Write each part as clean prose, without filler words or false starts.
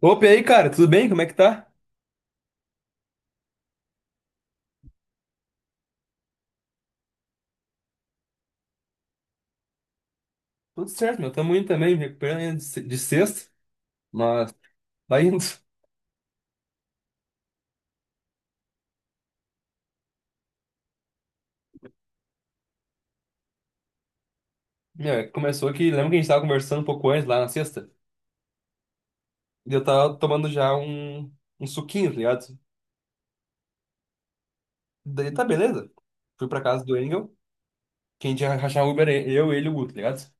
Opa, e aí, cara, tudo bem? Como é que tá? Tudo certo, meu. Tamo indo também, me recuperando ainda de se- de sexta, mas vai indo. Meu, é que começou que, lembra que a gente tava conversando um pouco antes, lá na sexta? E eu tava tomando já um suquinho, tá ligado? Daí tá beleza. Fui pra casa do Engel, quem tinha que rachar o Uber, é eu, ele e o Guto, tá ligado?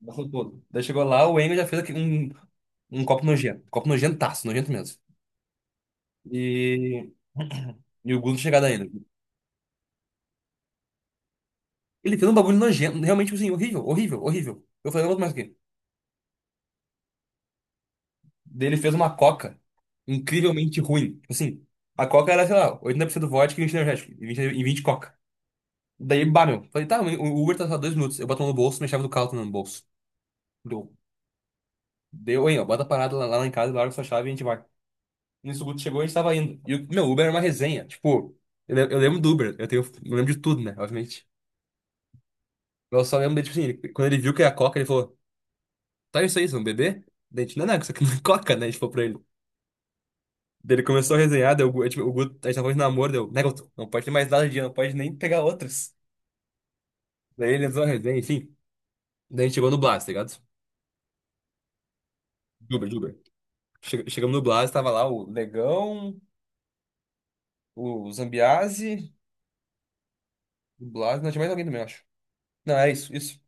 Nossa, pô. Daí chegou lá, o Engel já fez aqui um copo nojento. Copo nojentaço, nojento mesmo. E. E o Guto chegado ainda. Ele fez um bagulho nojento, realmente, tipo assim, horrível, horrível, horrível. Eu falei, não vou mais aqui. Daí ele fez uma coca incrivelmente ruim. Tipo assim, a coca era, sei lá, 80% vodka e 20 energético. E 20 e 20 coca. Daí, bah, meu. Falei, tá, o Uber tá só 2 minutos. Eu boto a mão no bolso, minha chave do carro tá no bolso. Deu. Deu, hein, ó. Bota a parada lá, lá em casa, larga sua chave e a gente vai. Nisso, o Guto chegou e a gente tava indo. E o meu Uber era uma resenha. Tipo, eu lembro do Uber. Eu lembro de tudo, né? Obviamente. Eu só lembro dele, tipo assim, quando ele viu que era coca, ele falou, tá isso aí, vocês vão beber? Daí a gente, não, não, isso aqui não é coca, né? A gente falou pra ele. Daí ele começou a resenhar, daí o Guto, tipo, o Guto, a gente tava falando de namoro, deu, né, Guto? Não pode ter mais nada de dia, não pode nem pegar outras. Daí ele entrou na resenha, enfim. Daí a gente chegou no Blas, tá ligado? Juba, Uber. De Uber. Chegamos no Blas, tava lá o Negão, o Zambiase, o Blas, não tinha mais alguém também, eu acho. Não, é isso, isso.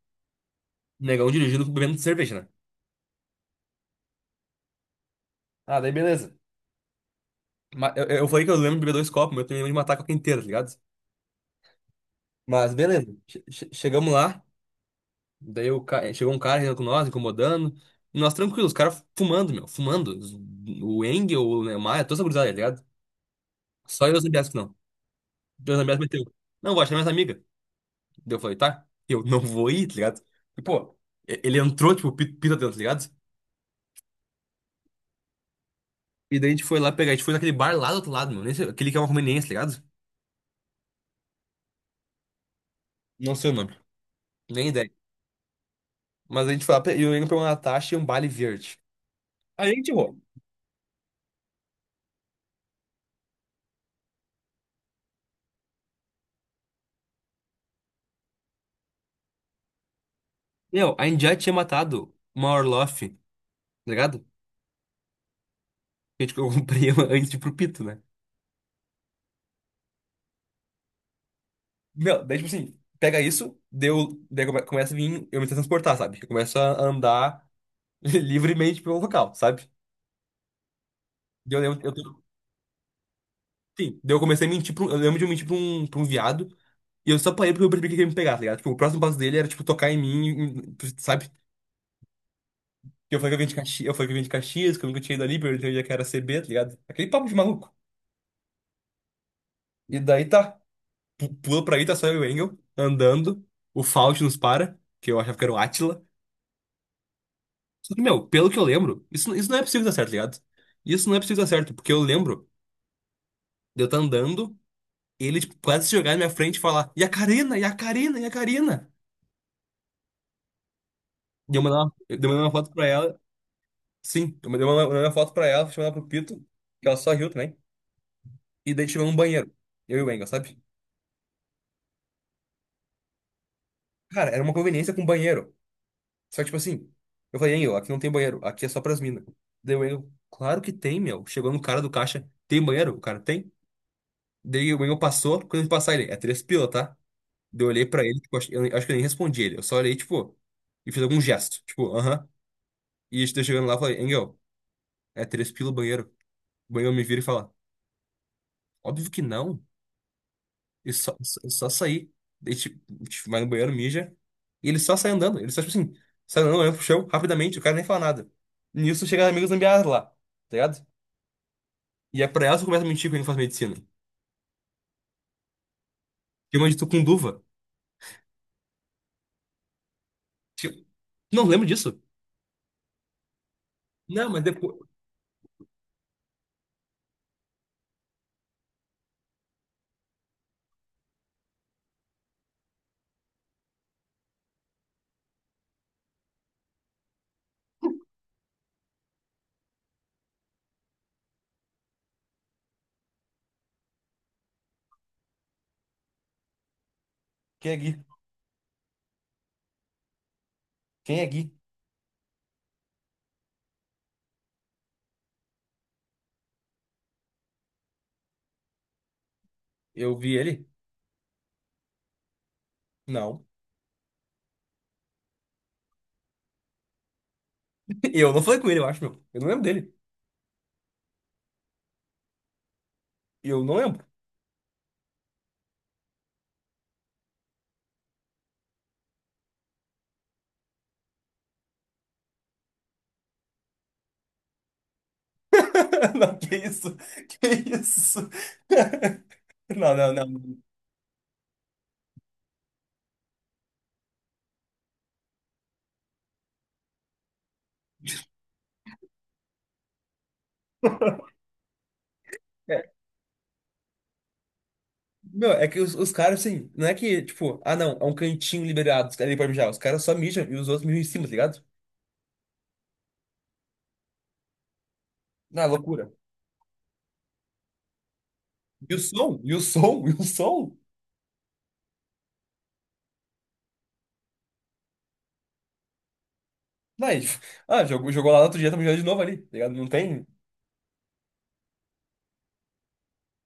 Negão dirigindo, bebendo cerveja, né? Ah, daí beleza. Eu falei que eu lembro de beber dois copos, mas eu também lembro de matar a coca inteira, tá ligado? Mas beleza. Chegamos lá. Daí chegou um cara com nós, incomodando. E nós tranquilos, os caras fumando, meu, fumando. O Engel, o né, o Maia, toda essa gurizada, tá ligado? Só eu e o Zambiasco, não. E o Zambiasco meteu. Não, vou achar minhas amigas. Daí eu falei, tá, eu não vou ir, tá ligado? E, pô, ele entrou, tipo, pita dentro, tá ligado? E daí a gente foi lá pegar, a gente foi naquele bar lá do outro lado, meu. Nem sei- Aquele que é uma conveniência, tá ligado? Não sei o nome. Nem ideia. Mas a gente foi lá, e o Engel pegou uma Natasha e um Bali verde. Aí a gente errou. Meu, a gente já tinha matado uma Orloff, tá ligado? Que tipo, eu comprei ela antes de ir pro Pito, né? Não, daí, tipo assim, pega isso, deu, daí começa a vir eu me transportar, sabe? Eu começo a andar livremente pelo local, sabe? Daí eu lembro. Sim, daí eu comecei a mentir pra um, eu lembro de eu mentir pra um viado, e eu só parei porque eu percebi que ele ia me pegar, tá ligado? Tipo, o próximo passo dele era, tipo, tocar em mim, sabe? Que eu falei que eu vim de Caxias, eu falei que eu vim de Caxias, que eu nunca tinha ido ali, perguntei onde é que era CB, tá ligado? Aquele papo de maluco. E daí tá, pula pra aí, tá só eu e o Engel, andando, o Faust nos para, que eu achava que era o Átila. Só que, meu, pelo que eu lembro, isso não é possível dar certo, tá ligado? Isso não é possível dar certo, porque eu lembro de eu estar andando, ele tipo, quase se jogar na minha frente e falar: E a Karina, e a Karina, e a Karina. E eu mandei uma foto pra ela, sim, eu mandei uma foto pra ela, chamei ela pro Pito, que ela só riu também. E daí chegou um banheiro, eu e o Engel, sabe? Cara, era uma conveniência com banheiro. Só que, tipo assim, eu falei: Engel, aqui não tem banheiro, aqui é só pras minas. Daí o Engel, claro que tem, meu. Chegou no cara do caixa: Tem banheiro? O cara tem. Daí o Engel passou, quando ele passar, ele é 3 pila, tá? Daí eu olhei pra ele, tipo, eu acho que eu nem respondi ele. Eu só olhei, tipo, e fiz algum gesto. Tipo, aham. E a gente tá chegando lá e falei, Engel, é 3 pila o banheiro. O banheiro me vira e fala, óbvio que não. E só, só, só sair. Daí, tipo, a gente vai no banheiro, mija. E ele só sai andando. Ele só, tipo assim, sai andando, olhando pro chão, rapidamente, o cara nem fala nada. Nisso chega as amigas zambiadas lá, tá ligado? E é pra elas que começa a mentir que eu não faço medicina. Que eu tu com duva. Tipo, não lembro disso. Não, mas depois. Quem é Gui? Quem é Gui? Eu vi ele? Não. E eu não falei com ele, eu acho, meu. Eu não lembro dele. E eu não lembro. Não, que isso? Que isso? Não, não, não. É, meu, é que os caras, assim, não é que, tipo, ah, não, é um cantinho liberado, os caras ali pra mijar. Os caras só mijam e os outros mijam em cima, tá ligado? Na loucura. E o som, e o som, e o som. Daí, ah, jogou, jogou lá no outro dia, tá mijando de novo ali, tá ligado? Não tem.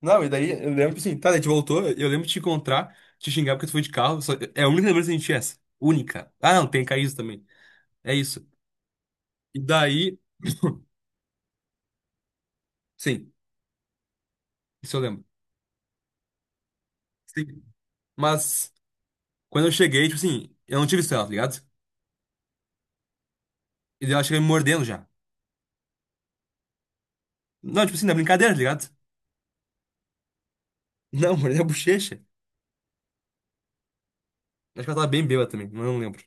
Não, e daí eu lembro, assim, tá, daí a gente voltou, eu lembro de te encontrar, te xingar porque tu foi de carro. É a única lembrança que a gente tinha é essa. Única. Ah, não, tem caído também. É isso. E daí. Sim, isso eu lembro. Sim. Mas quando eu cheguei, tipo assim, eu não tive estrela, tá ligado? E daí ela chega me mordendo já. Não, tipo assim, na brincadeira, tá ligado? Não, mordeu a bochecha. Acho que ela tava bem bêbada também, mas eu não lembro.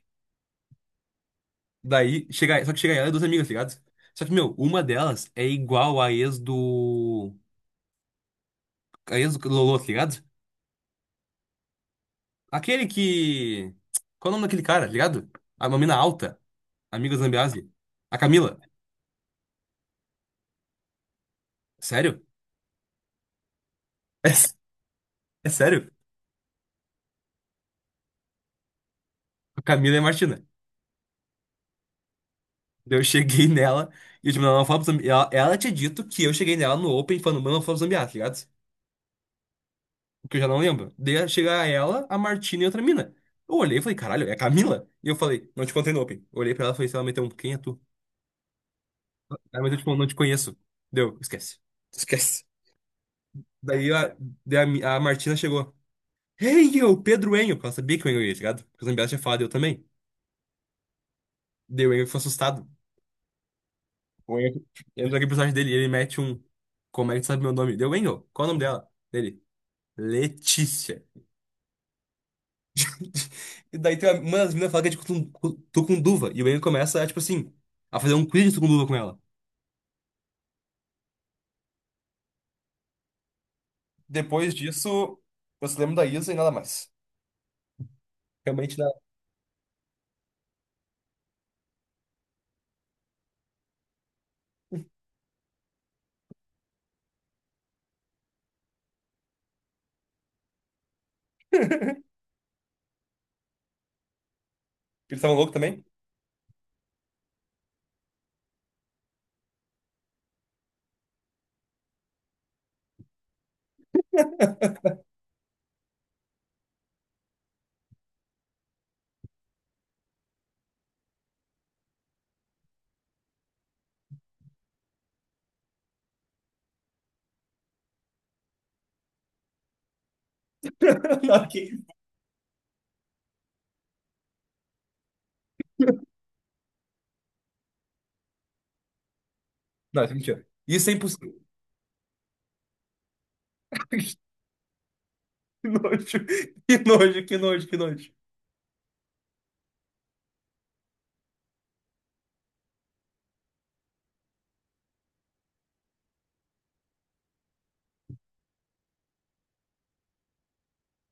Daí, chega, só que chega ela e duas amigas, tá ligado? Só que, meu, uma delas é igual a ex do. A ex do Lolo, tá ligado? Aquele que. Qual é o nome daquele cara, tá ligado? A uma mina alta, amiga do Zambiase. A Camila. Sério? É, é sério? A Camila é Martina. Daí eu cheguei nela e eu, tipo, não, não fala pro ela tinha dito que eu cheguei nela no Open falando, mano, não fala pro Zambiá, tá ligado? O que eu já não lembro. Daí chega ela, a Martina e outra mina. Eu olhei e falei, caralho, é a Camila? E eu falei, não te contei no Open. Eu olhei pra ela e falei, se ela meteu um, quem é tu? Ela meteu, tipo, não te conheço. Deu, esquece. Esquece. Daí a, a Martina chegou. Hey, eu, Pedro Enio. Porque ela sabia que o Enio ia, tá ligado? Porque o Zambiá tinha falado, eu também. Daí o Enio ficou assustado. O Enio entra aqui pro personagem dele e ele mete um. Como é que tu sabe meu nome? Deu, Enio, qual é o nome dela? Dele. Letícia. E daí tem uma das meninas fala que é de tucunduva. E o Enio começa, tipo assim, a fazer um quiz de tucunduva com ela. Depois disso, eu só lembro da Isa e nada mais. Realmente não. Eles estavam loucos também? Não, que isso? Não, isso é mentira. Isso é impossível. Que nojo, que nojo, que nojo, que nojo.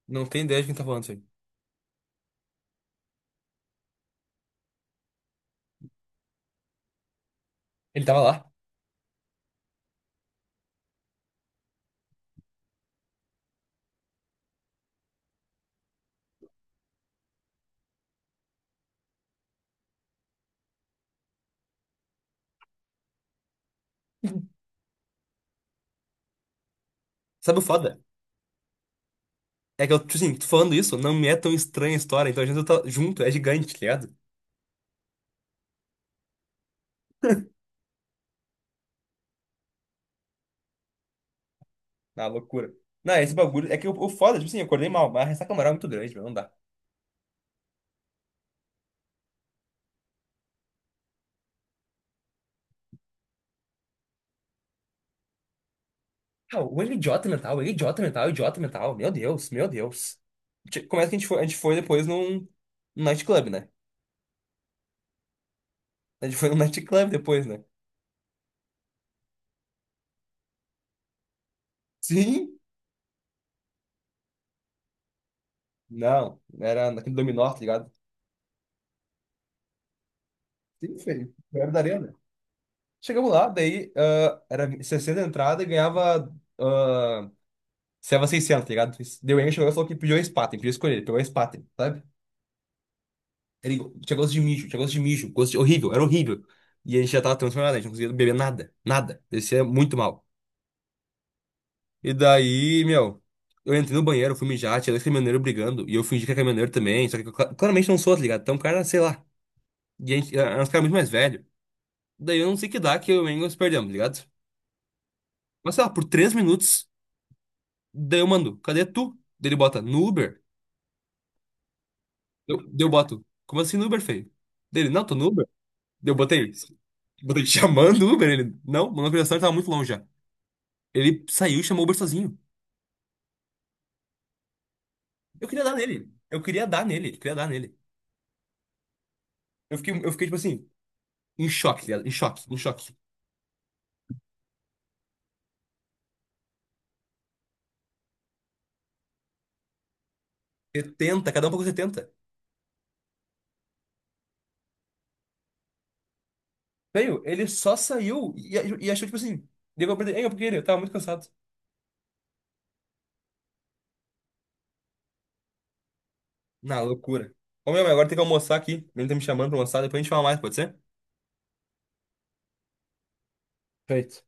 Não tem ideia de quem tá falando isso aí. Ele tava lá. Sabe o foda? É que eu, tipo assim, tô falando isso, não me é tão estranha a história, então a gente tá junto, é gigante, tá ligado? Na loucura. Não, esse bagulho. É que o foda, tipo assim, eu acordei mal, mas a ressaca moral é muito grande, meu, não dá. Ah, o ele é idiota mental, ele é idiota mental, idiota mental. Meu Deus, meu Deus. Começa que a gente foi, depois num nightclub, né? A gente foi num nightclub depois, né? Sim? Não, era naquele dominó, tá ligado? Sim, feio. Era da arena. Chegamos lá, daí era 60 entrada e ganhava. Uh, 600, tá ligado? Deu enche, o negócio falou que pediu a Spaten, pediu escolher, ele pegou a Spaten, sabe? Ele tinha gosto de mijo, tinha gosto de mijo, gosto de, horrível, era horrível. E a gente já tava transformado, a gente não conseguia beber nada, nada. Descia muito mal. E daí, meu, eu entrei no banheiro, fui mijar, tinha dois caminhoneiros brigando, e eu fingi que era caminhoneiro também, só que eu claramente não sou, tá ligado? Então, o cara, sei lá, e a gente, era um cara muito mais velho. Daí eu não sei que dá que eu e o Engels perdemos, tá ligado? Mas sei lá, por 3 minutos, daí eu mando, cadê tu? Daí ele bota, no Uber? Daí eu boto, como assim no Uber, feio? Dele, não, tô no Uber. Daí eu botei chamando o Uber, ele, não, meu localização tava muito longe já. Ele saiu e chamou o Uber sozinho. Eu queria dar nele. Eu queria dar nele. Eu queria dar nele. Eu fiquei tipo assim, em choque, tá ligado? Em choque, em choque. 70, cada um pagou 70. Veio, ele só saiu e achou, tipo assim, deu pra perder. Eu tava muito cansado. Na loucura. Ô, meu, agora tem que almoçar aqui. Ele tá me chamando pra almoçar, depois a gente fala mais, pode ser? Perfeito.